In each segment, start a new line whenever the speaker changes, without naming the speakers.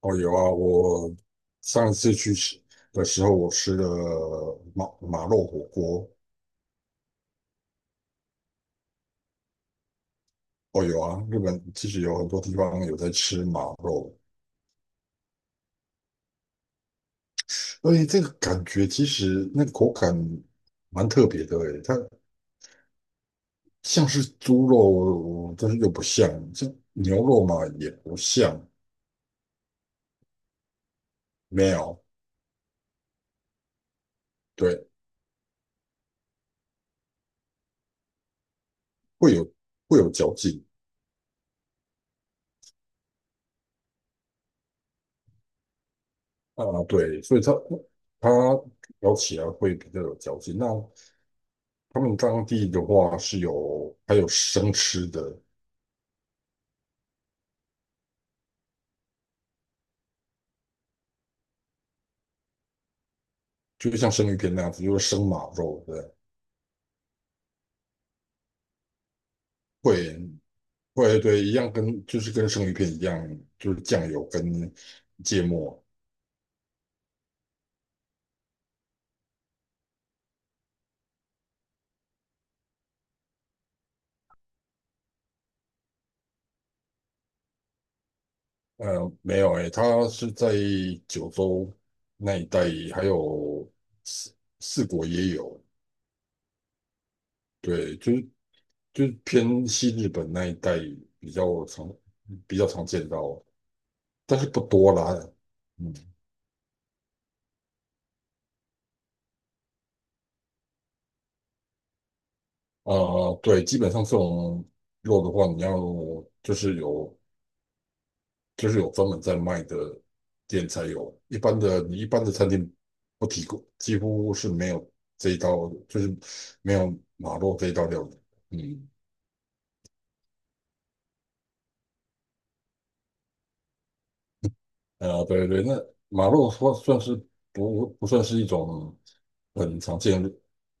哦，有啊，我上次去吃的时候，我吃了马肉火锅。哦，有啊，日本其实有很多地方有在吃马肉，所以这个感觉其实那个口感蛮特别的诶，它像是猪肉，但是又不像；像牛肉嘛，也不像，没有，对，会有会有嚼劲啊，对，所以它咬起来会比较有嚼劲。那他们当地的话是有还有生吃的，就像生鱼片那样子，就是生马肉对，会会对，一样跟就是跟生鱼片一样，就是酱油跟芥末。没有诶，它是在九州那一带，还有四国也有，对，就是偏西日本那一带比较常比较常见到，但是不多啦。嗯啊，对，基本上这种肉的话，你要就是有就是有专门在卖的店才有，一般的餐厅不提供，几乎是没有这一道，就是没有马肉这一道料理。嗯，对对，那马肉算不算是一种很常见，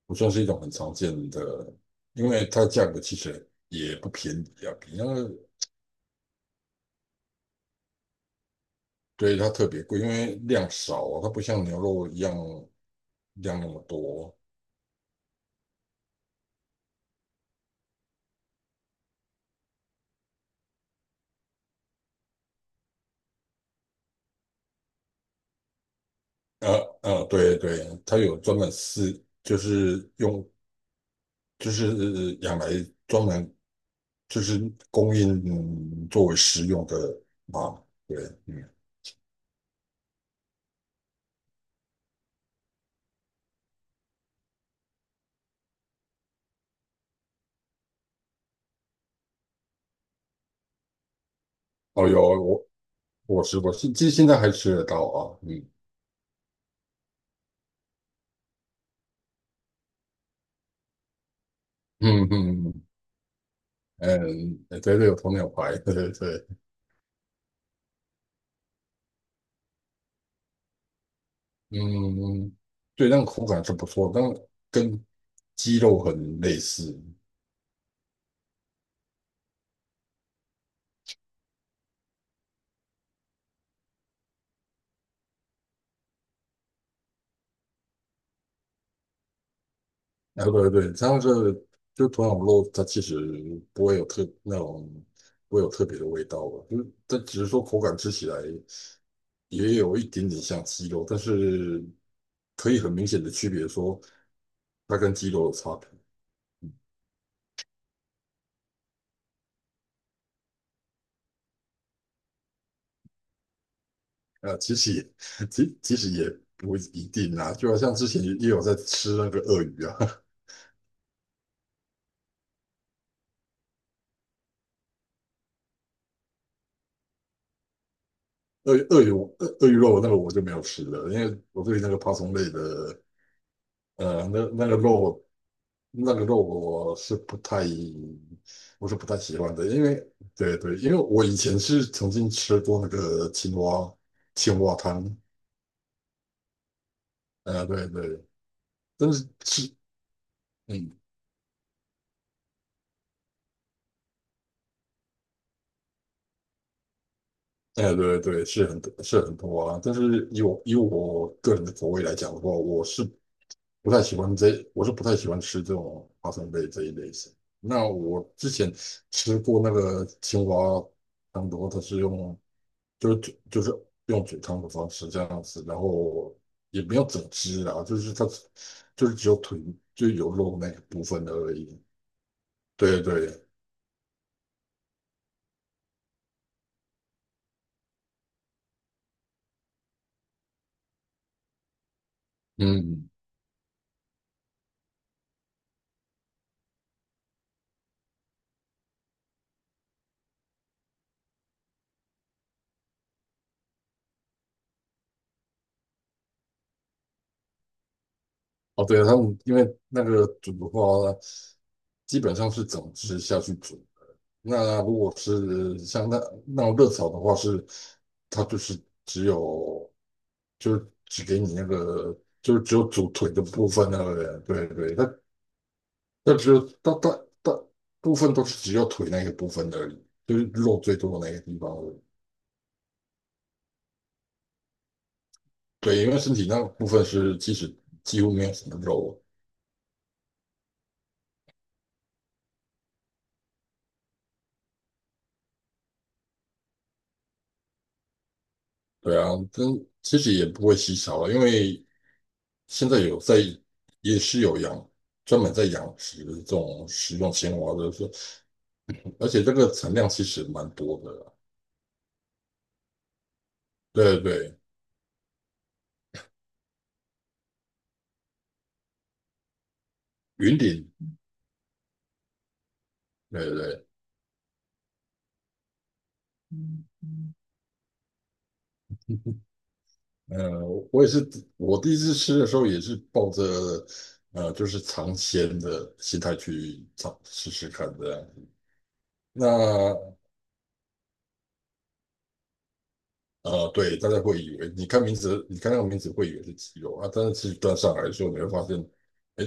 不算是一种很常见的，因为它价格其实也不便宜啊，比那个对，它特别贵，因为量少啊，它不像牛肉一样量那么多。对对，它有专门饲，就是用就是养来专门就是供应，嗯作为食用的啊。对，嗯，哦，我吃过，现其实现在还吃得到啊。嗯嗯嗯嗯，嗯对对，有鸵鸟排，对对对，嗯，对，那个口感是不错，但跟鸡肉很类似。啊，对对，这样是就土壤肉，它其实不会有特那种不会有特别的味道吧，就是它只是说口感吃起来也有一点点像鸡肉，但是可以很明显的区别说它跟鸡肉的差别。啊，其实也 其实也不一定啊，就好像之前也有在吃那个鳄鱼啊，鳄鱼鳄鱼鳄鱼肉那个我就没有吃了，因为我对那个爬虫类的那个肉那个肉我是不太，我是不太喜欢的，因为对对，因为我以前是曾经吃过那个青蛙汤，对对，但是是嗯，哎、对对，是很多是很多啊，但是以我个人的口味来讲的话，我是不太喜欢这，我是不太喜欢吃这种花生类这一类型。那我之前吃过那个青蛙汤的话，它是用就是嘴就是用嘴汤的方式这样子，然后也没有整只啊，就是它就是只有腿就有肉那个部分的而已。对对，嗯，哦对，他们因为那个煮的话，基本上是整只下去煮。那如果是像那种热炒的话是，它就是只有就是只给你那个，就是只有煮腿的部分那个人，对对，它那只有大部分都是只有腿那个部分而已，就是肉最多的那个地方而已。对，因为身体那部分是其实几乎没有什么肉。对啊，但其实也不会稀少了，因为现在有在也是有养专门在养殖这种食用青蛙的，而且这个产量其实蛮多的啦，对对对，云顶，对对对。呃，我也是，我第一次吃的时候也是抱着就是尝鲜的心态去尝试试看的。那对，大家会以为你看名字，你看那个名字会以为是鸡肉啊，但是其实端上来的时候，你会发现，哎，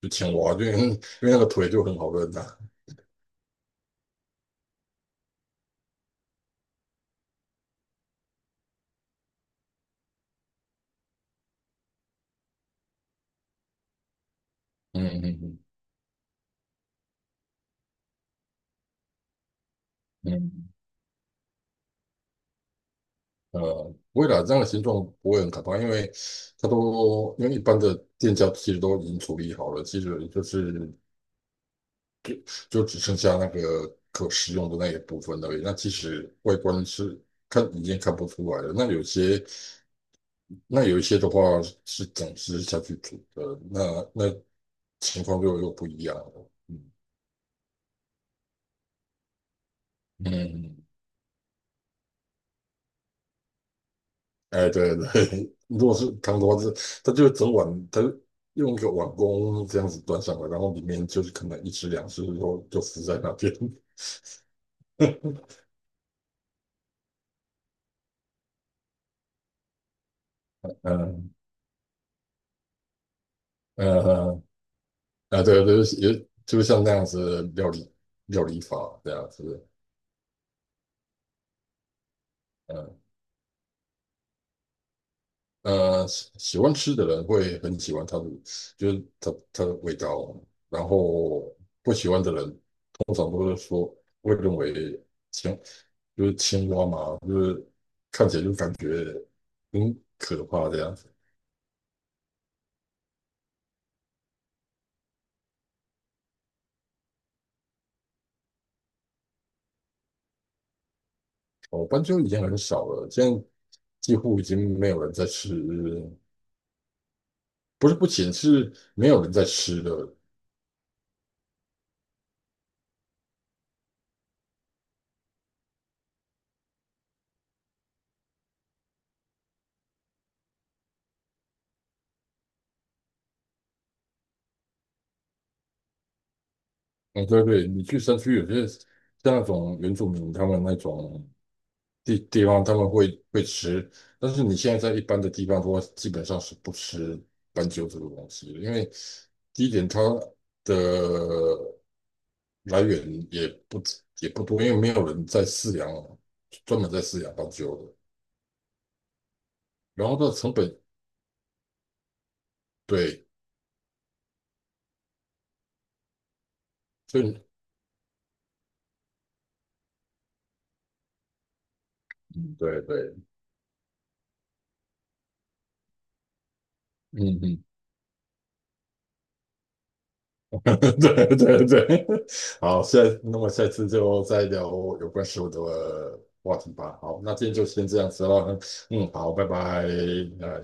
就青蛙，因为那个腿就很好认呐、嗯嗯嗯嗯，不会啦，这样的形状不会很可怕，因为它都因为一般的店家其实都已经处理好了，其实就是。就就只剩下那个可食用的那一部分而已。那其实外观是看已经看不出来了。那有些那有一些的话是整只下去煮的，那情况就又不一样了。嗯，哎，对对，如果是汤的话是，它就整碗，它用一个碗公这样子端上来，然后里面就是可能一只两只，然后就浮在那边。嗯嗯嗯啊，对，就是也就像那样子的料理料理法这样子，嗯喜欢吃的人会很喜欢它的，就是它的味道，然后不喜欢的人通常都是说会认为青就是青蛙嘛，就是看起来就感觉很可怕这样子。哦，斑鸠已经很少了，现在几乎已经没有人在吃，不是不行，是没有人在吃了。嗯，对对，你去山区有些像那种原住民他们那种地方，他们会吃，但是你现在在一般的地方的话，基本上是不吃斑鸠这个东西的，因为第一点它的来源也不多，因为没有人在饲养，专门在饲养斑鸠的，然后它的成本对，就，以嗯对对，嗯嗯 对对对，好，下那么下次就再聊有关食物的话题吧。好，那今天就先这样子了。嗯，好，拜拜。呃